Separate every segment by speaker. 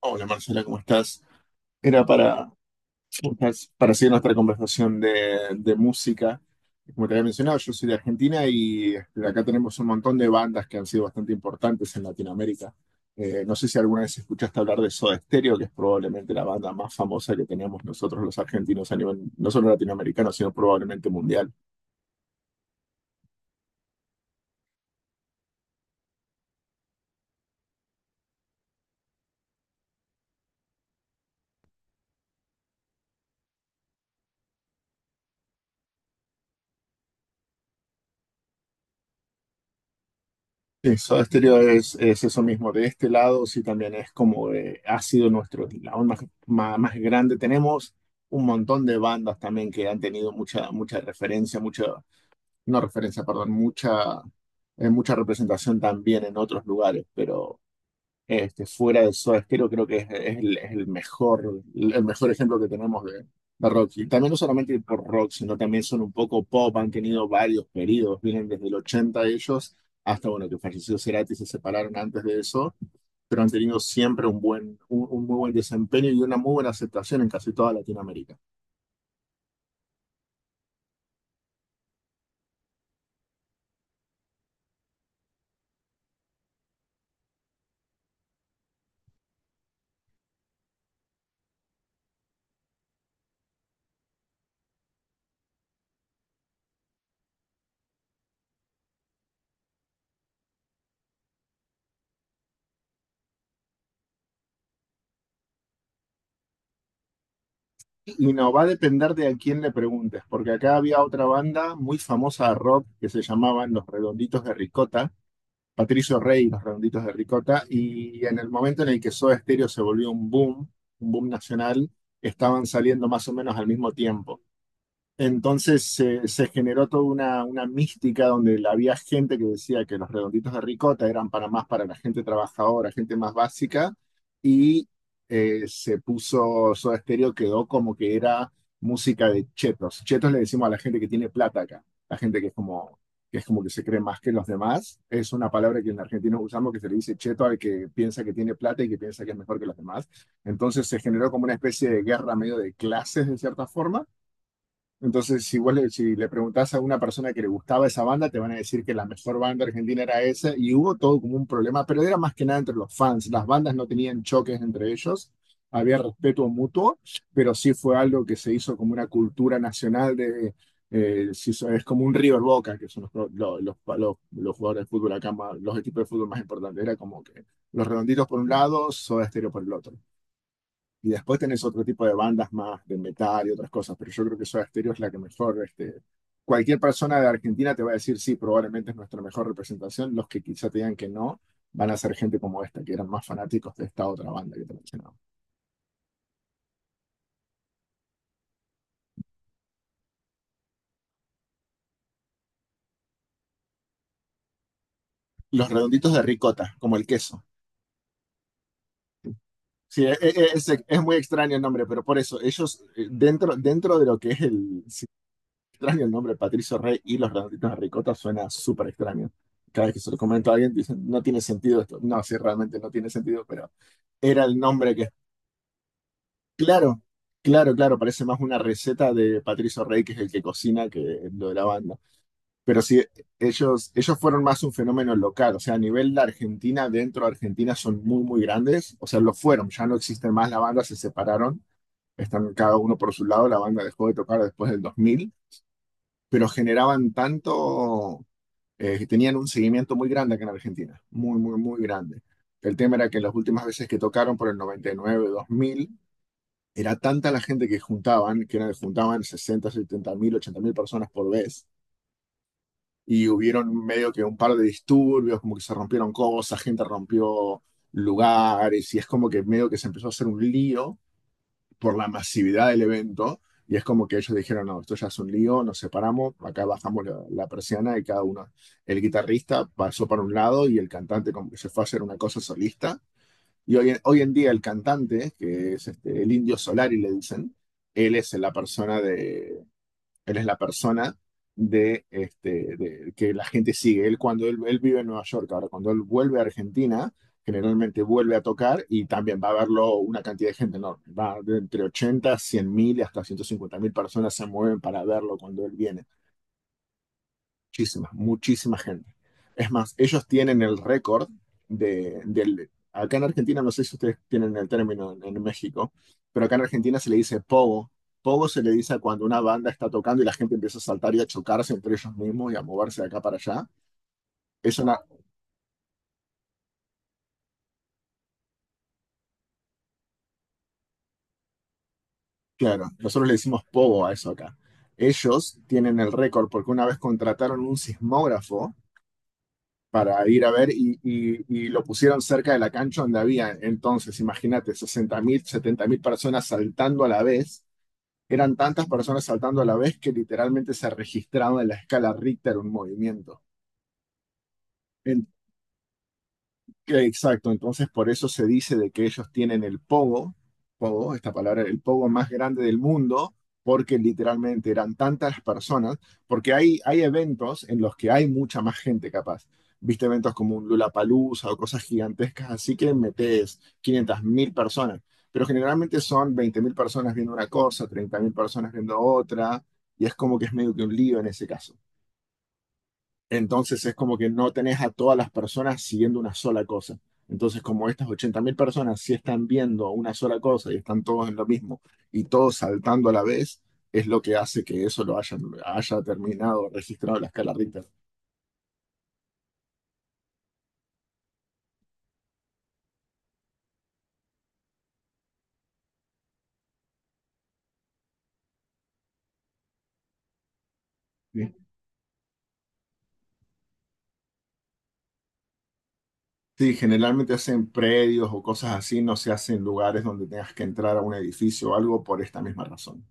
Speaker 1: Hola Marcela, ¿cómo estás? Era para seguir nuestra conversación de música. Como te había mencionado, yo soy de Argentina y este, acá tenemos un montón de bandas que han sido bastante importantes en Latinoamérica. No sé si alguna vez escuchaste hablar de Soda Stereo, que es probablemente la banda más famosa que teníamos nosotros los argentinos a nivel, no solo latinoamericano, sino probablemente mundial. Sí, Soda Stereo es eso mismo. De este lado, sí, también es como ha sido nuestro lado más grande. Tenemos un montón de bandas también que han tenido mucha referencia, mucha, no referencia, perdón, mucha, mucha representación también en otros lugares, pero este, fuera de Soda Stereo, creo que es el mejor, el mejor ejemplo que tenemos de rock. Y también no solamente por rock, sino también son un poco pop, han tenido varios periodos, vienen desde el 80 ellos, hasta bueno, que falleció Cerati y se separaron antes de eso, pero han tenido siempre un buen, un muy buen desempeño y una muy buena aceptación en casi toda Latinoamérica. Y no va a depender de a quién le preguntes, porque acá había otra banda muy famosa de rock que se llamaban Los Redonditos de Ricota, Patricio Rey y los Redonditos de Ricota, y en el momento en el que Soda Stereo se volvió un boom nacional, estaban saliendo más o menos al mismo tiempo. Entonces se generó toda una mística donde había gente que decía que los redonditos de ricota eran para más para la gente trabajadora, gente más básica, y se puso, Soda Stereo quedó como que era música de chetos. Chetos le decimos a la gente que tiene plata acá, la gente que es como que se cree más que los demás. Es una palabra que en Argentina usamos que se le dice cheto al que piensa que tiene plata y que piensa que es mejor que los demás. Entonces se generó como una especie de guerra medio de clases de cierta forma entonces, si le preguntás a una persona que le gustaba esa banda, te van a decir que la mejor banda argentina era esa, y hubo todo como un problema, pero era más que nada entre los fans. Las bandas no tenían choques entre ellos, había respeto mutuo, pero sí fue algo que se hizo como una cultura nacional de, es como un River Boca, que son los, pro- lo- los jugadores de fútbol acá, los equipos de fútbol más importantes. Era como que los redonditos por un lado, Soda Stereo por el otro. Y después tenés otro tipo de bandas más de metal y otras cosas, pero yo creo que Soda Stereo es la que mejor, cualquier persona de Argentina te va a decir, sí, probablemente es nuestra mejor representación. Los que quizá te digan que no, van a ser gente como esta, que eran más fanáticos de esta otra banda que te mencionaba. Los redonditos de ricota, como el queso. Sí, es muy extraño el nombre, pero por eso, ellos, dentro de lo que es el, sí, extraño el nombre, Patricio Rey y los redonditos de ricota suena súper extraño. Cada vez que se lo comento a alguien, dicen, no tiene sentido esto. No, sí, realmente no tiene sentido, pero era el nombre que... Claro, claro, claro, parece más una receta de Patricio Rey, que es el que cocina, que lo de la banda. Pero sí, ellos fueron más un fenómeno local, o sea, a nivel de Argentina, dentro de Argentina son muy grandes, o sea, lo fueron, ya no existen más, la banda se separaron, están cada uno por su lado, la banda dejó de tocar después del 2000, pero generaban tanto, que tenían un seguimiento muy grande acá en Argentina, muy grande. El tema era que las últimas veces que tocaron por el 99, 2000, era tanta la gente que juntaban, que eran, juntaban 60, 70.000, 80.000 personas por vez. Y hubieron medio que un par de disturbios, como que se rompieron cosas, gente rompió lugares, y es como que medio que se empezó a hacer un lío por la masividad del evento. Y es como que ellos dijeron, no, esto ya es un lío, nos separamos, acá bajamos la persiana y cada uno, el guitarrista pasó para un lado y el cantante como que se fue a hacer una cosa solista y hoy, hoy en día el cantante, que es este, el Indio Solari, le dicen, él es la persona de, él es la persona de, este, de- que la gente sigue. Él, cuando él vive en Nueva York, ahora cuando él vuelve a Argentina, generalmente vuelve a tocar y también va a verlo una cantidad de gente enorme. Va de entre 80, 100.000 y hasta 150.000 personas se mueven para verlo cuando él viene. Muchísima, muchísima gente. Es más, ellos tienen el récord de, del... Acá en Argentina, no sé si ustedes tienen el término en, México, pero acá en Argentina se le dice pogo. Pogo se le dice a cuando una banda está tocando y la gente empieza a saltar y a chocarse entre ellos mismos y a moverse de acá para allá. Es una, claro, nosotros le decimos pogo a eso acá. Ellos tienen el récord porque una vez contrataron un sismógrafo para ir a ver y lo pusieron cerca de la cancha donde había entonces, imagínate, 60.000, 70.000 personas saltando a la vez. Eran tantas personas saltando a la vez que literalmente se registraba en la escala Richter un movimiento. En Exacto, entonces por eso se dice de que ellos tienen el pogo, pogo, esta palabra, el pogo más grande del mundo, porque literalmente eran tantas las personas, porque hay eventos en los que hay mucha más gente capaz. Viste eventos como un Lollapalooza o cosas gigantescas, así que metes 500.000 personas, pero generalmente son 20.000 personas viendo una cosa, 30.000 personas viendo otra, y es como que es medio que un lío en ese caso. Entonces es como que no tenés a todas las personas siguiendo una sola cosa. Entonces como estas 80.000 personas sí están viendo una sola cosa y están todos en lo mismo y todos saltando a la vez, es lo que hace que eso haya terminado registrado en la escala Richter. Sí, sí, generalmente hacen predios o cosas así, no se hacen en lugares donde tengas que entrar a un edificio o algo por esta misma razón.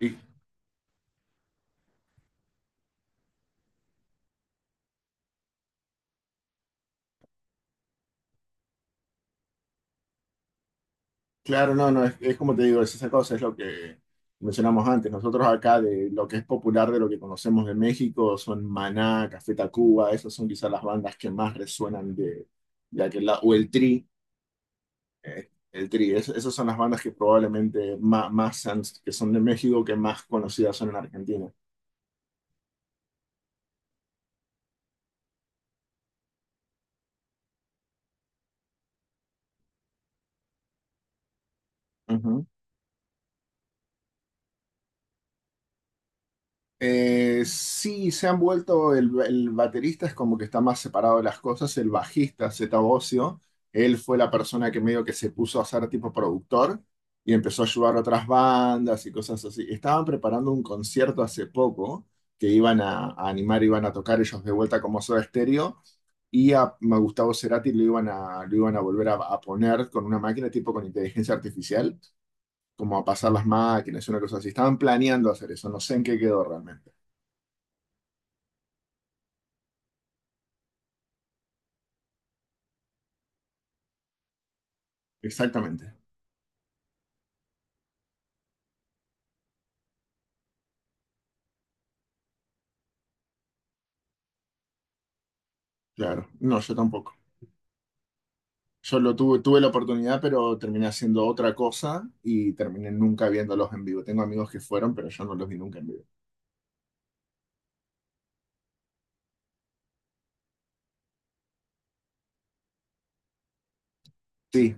Speaker 1: Y claro, no, no, es como te digo, es esa cosa, es lo que mencionamos antes. Nosotros acá de lo que es popular de lo que conocemos de México son Maná, Café Tacuba, esas son quizás las bandas que más resuenan de aquel lado, o el Tri, esas son las bandas que probablemente más que son de México que más conocidas son en Argentina. Sí, se han vuelto, el baterista es como que está más separado de las cosas, el bajista, Zeta Bosio, él fue la persona que medio que se puso a ser tipo productor y empezó a ayudar a otras bandas y cosas así. Estaban preparando un concierto hace poco que iban a animar, iban a tocar ellos de vuelta como Soda Stereo y a Gustavo Cerati lo iban a volver a poner con una máquina tipo con inteligencia artificial, como a pasar las máquinas, una cosa así. Estaban planeando hacer eso, no sé en qué quedó realmente. Exactamente, claro. No, yo tampoco. Yo tuve la oportunidad, pero terminé haciendo otra cosa y terminé nunca viéndolos en vivo. Tengo amigos que fueron, pero yo no los vi nunca en vivo. Sí.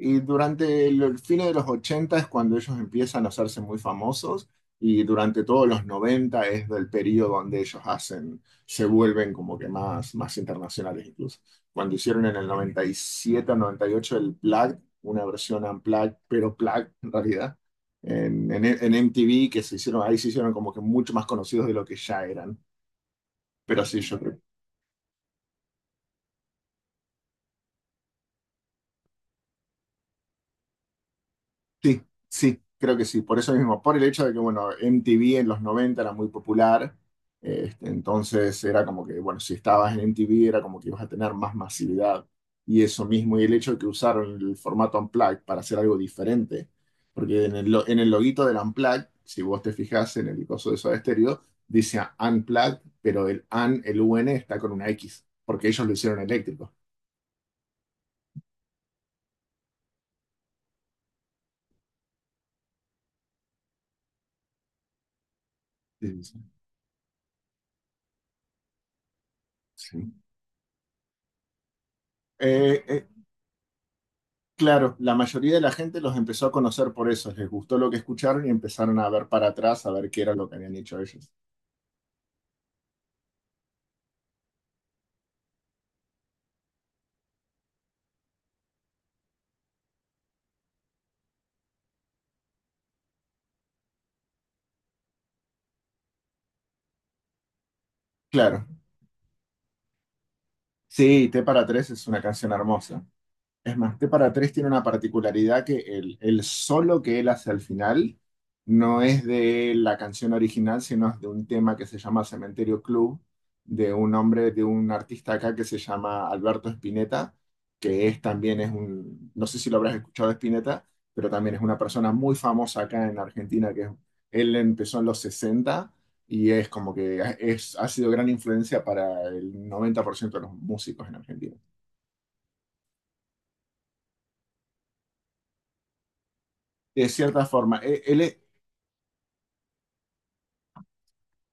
Speaker 1: Y durante el fin de los 80 es cuando ellos empiezan a hacerse muy famosos y durante todos los 90 es del periodo donde ellos hacen, se vuelven como que más internacionales incluso. Cuando hicieron en el 97 o 98 el Plug, una versión unplugged, pero Plug en realidad, en, en MTV, que se hicieron, ahí se hicieron como que mucho más conocidos de lo que ya eran. Pero sí, yo creo. Sí, sí, creo que sí, por eso mismo, por el hecho de que, bueno, MTV en los 90 era muy popular, entonces era como que, bueno, si estabas en MTV era como que ibas a tener más masividad y eso mismo, y el hecho de que usaron el formato Unplugged para hacer algo diferente, porque en el loguito del Unplugged, si vos te fijas en el coso de Soda Stereo, dice Unplugged, pero el un está con una X, porque ellos lo hicieron eléctrico. Sí, sí. Sí. Eh, eh, Claro, la mayoría de la gente los empezó a conocer por eso, les gustó lo que escucharon y empezaron a ver para atrás, a ver qué era lo que habían hecho ellos. Claro, sí, T para tres es una canción hermosa. Es más, T para tres tiene una particularidad que el solo que él hace al final no es de la canción original, sino es de un tema que se llama Cementerio Club, de un hombre, de un artista acá que se llama Alberto Spinetta, que es también es un, no sé si lo habrás escuchado Spinetta, pero también es una persona muy famosa acá en Argentina, que es- él empezó en los 60 y es como que es, ha sido gran influencia para el 90% de los músicos en Argentina. De cierta forma, él,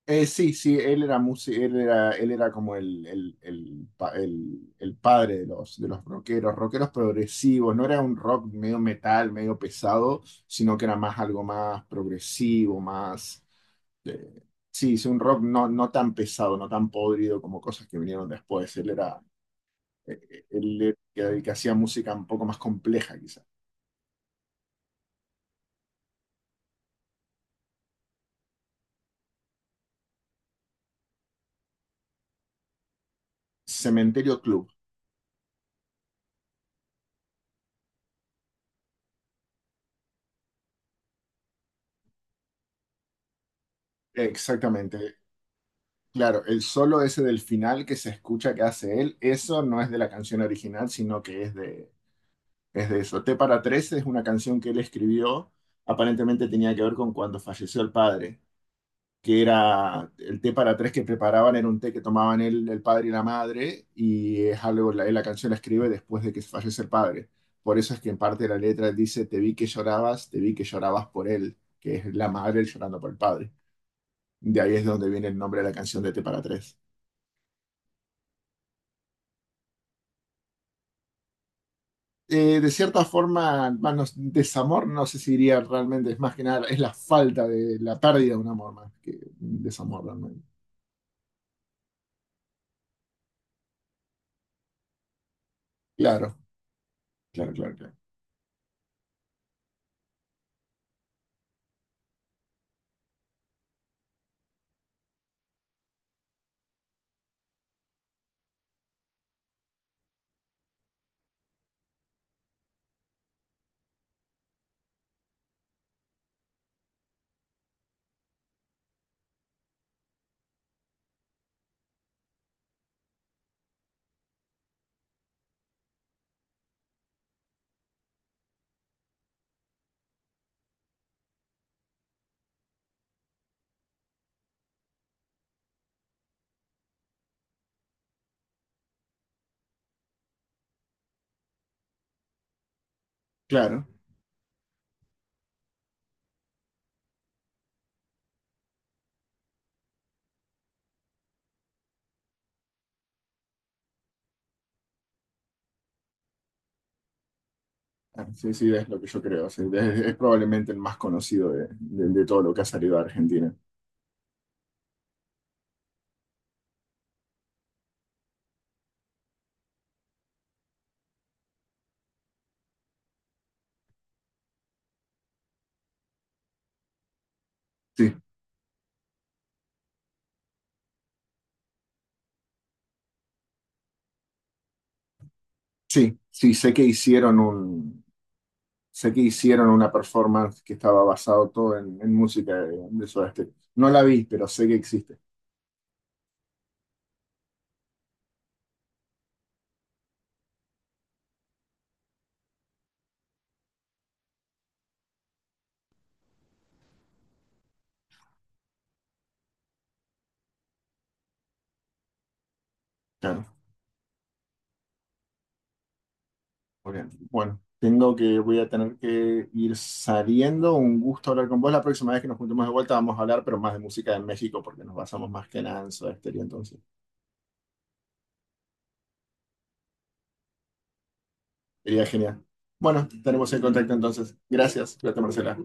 Speaker 1: Sí, sí, él era músico, él era como el padre de los rockeros, rockeros progresivos, no era un rock medio metal, medio pesado, sino que era más algo más progresivo, más, eh, sí, sí, un rock no, no tan pesado, no tan podrido como cosas que vinieron después, él era el que hacía música un poco más compleja quizás. Cementerio Club, exactamente. Claro, el solo ese del final que se escucha que hace él, eso no es de la canción original, sino que es de eso. T para tres es una canción que él escribió, aparentemente tenía que ver con cuando falleció el padre, que era el té para tres que preparaban, era un té que tomaban él, el padre y la madre, y es algo, la canción la escribe después de que fallece el padre. Por eso es que en parte de la letra él dice, te vi que llorabas, te vi que llorabas por él, que es la madre llorando por el padre. De ahí es donde viene el nombre de la canción de T para tres. De cierta forma, bueno, desamor, no sé si diría realmente, es más que nada, es la falta de la pérdida de un amor más que un desamor realmente. Claro, claro, claro, claro. Claro, ah, sí, sí, es lo que yo creo. Sí, es probablemente el más conocido de todo lo que ha salido de Argentina. Sí, sí, sí, sé que hicieron una performance que estaba basado todo en música de Soda Stereo. No la vi, pero sé que existe. Claro. Muy bien. Bueno, voy a tener que ir saliendo. Un gusto hablar con vos. La próxima vez que nos juntemos de vuelta vamos a hablar, pero más de música de México, porque nos basamos más que nada en Soda Stereo, entonces. Sería genial. Bueno, tenemos el contacto entonces. Gracias. Cuídate, Marcela.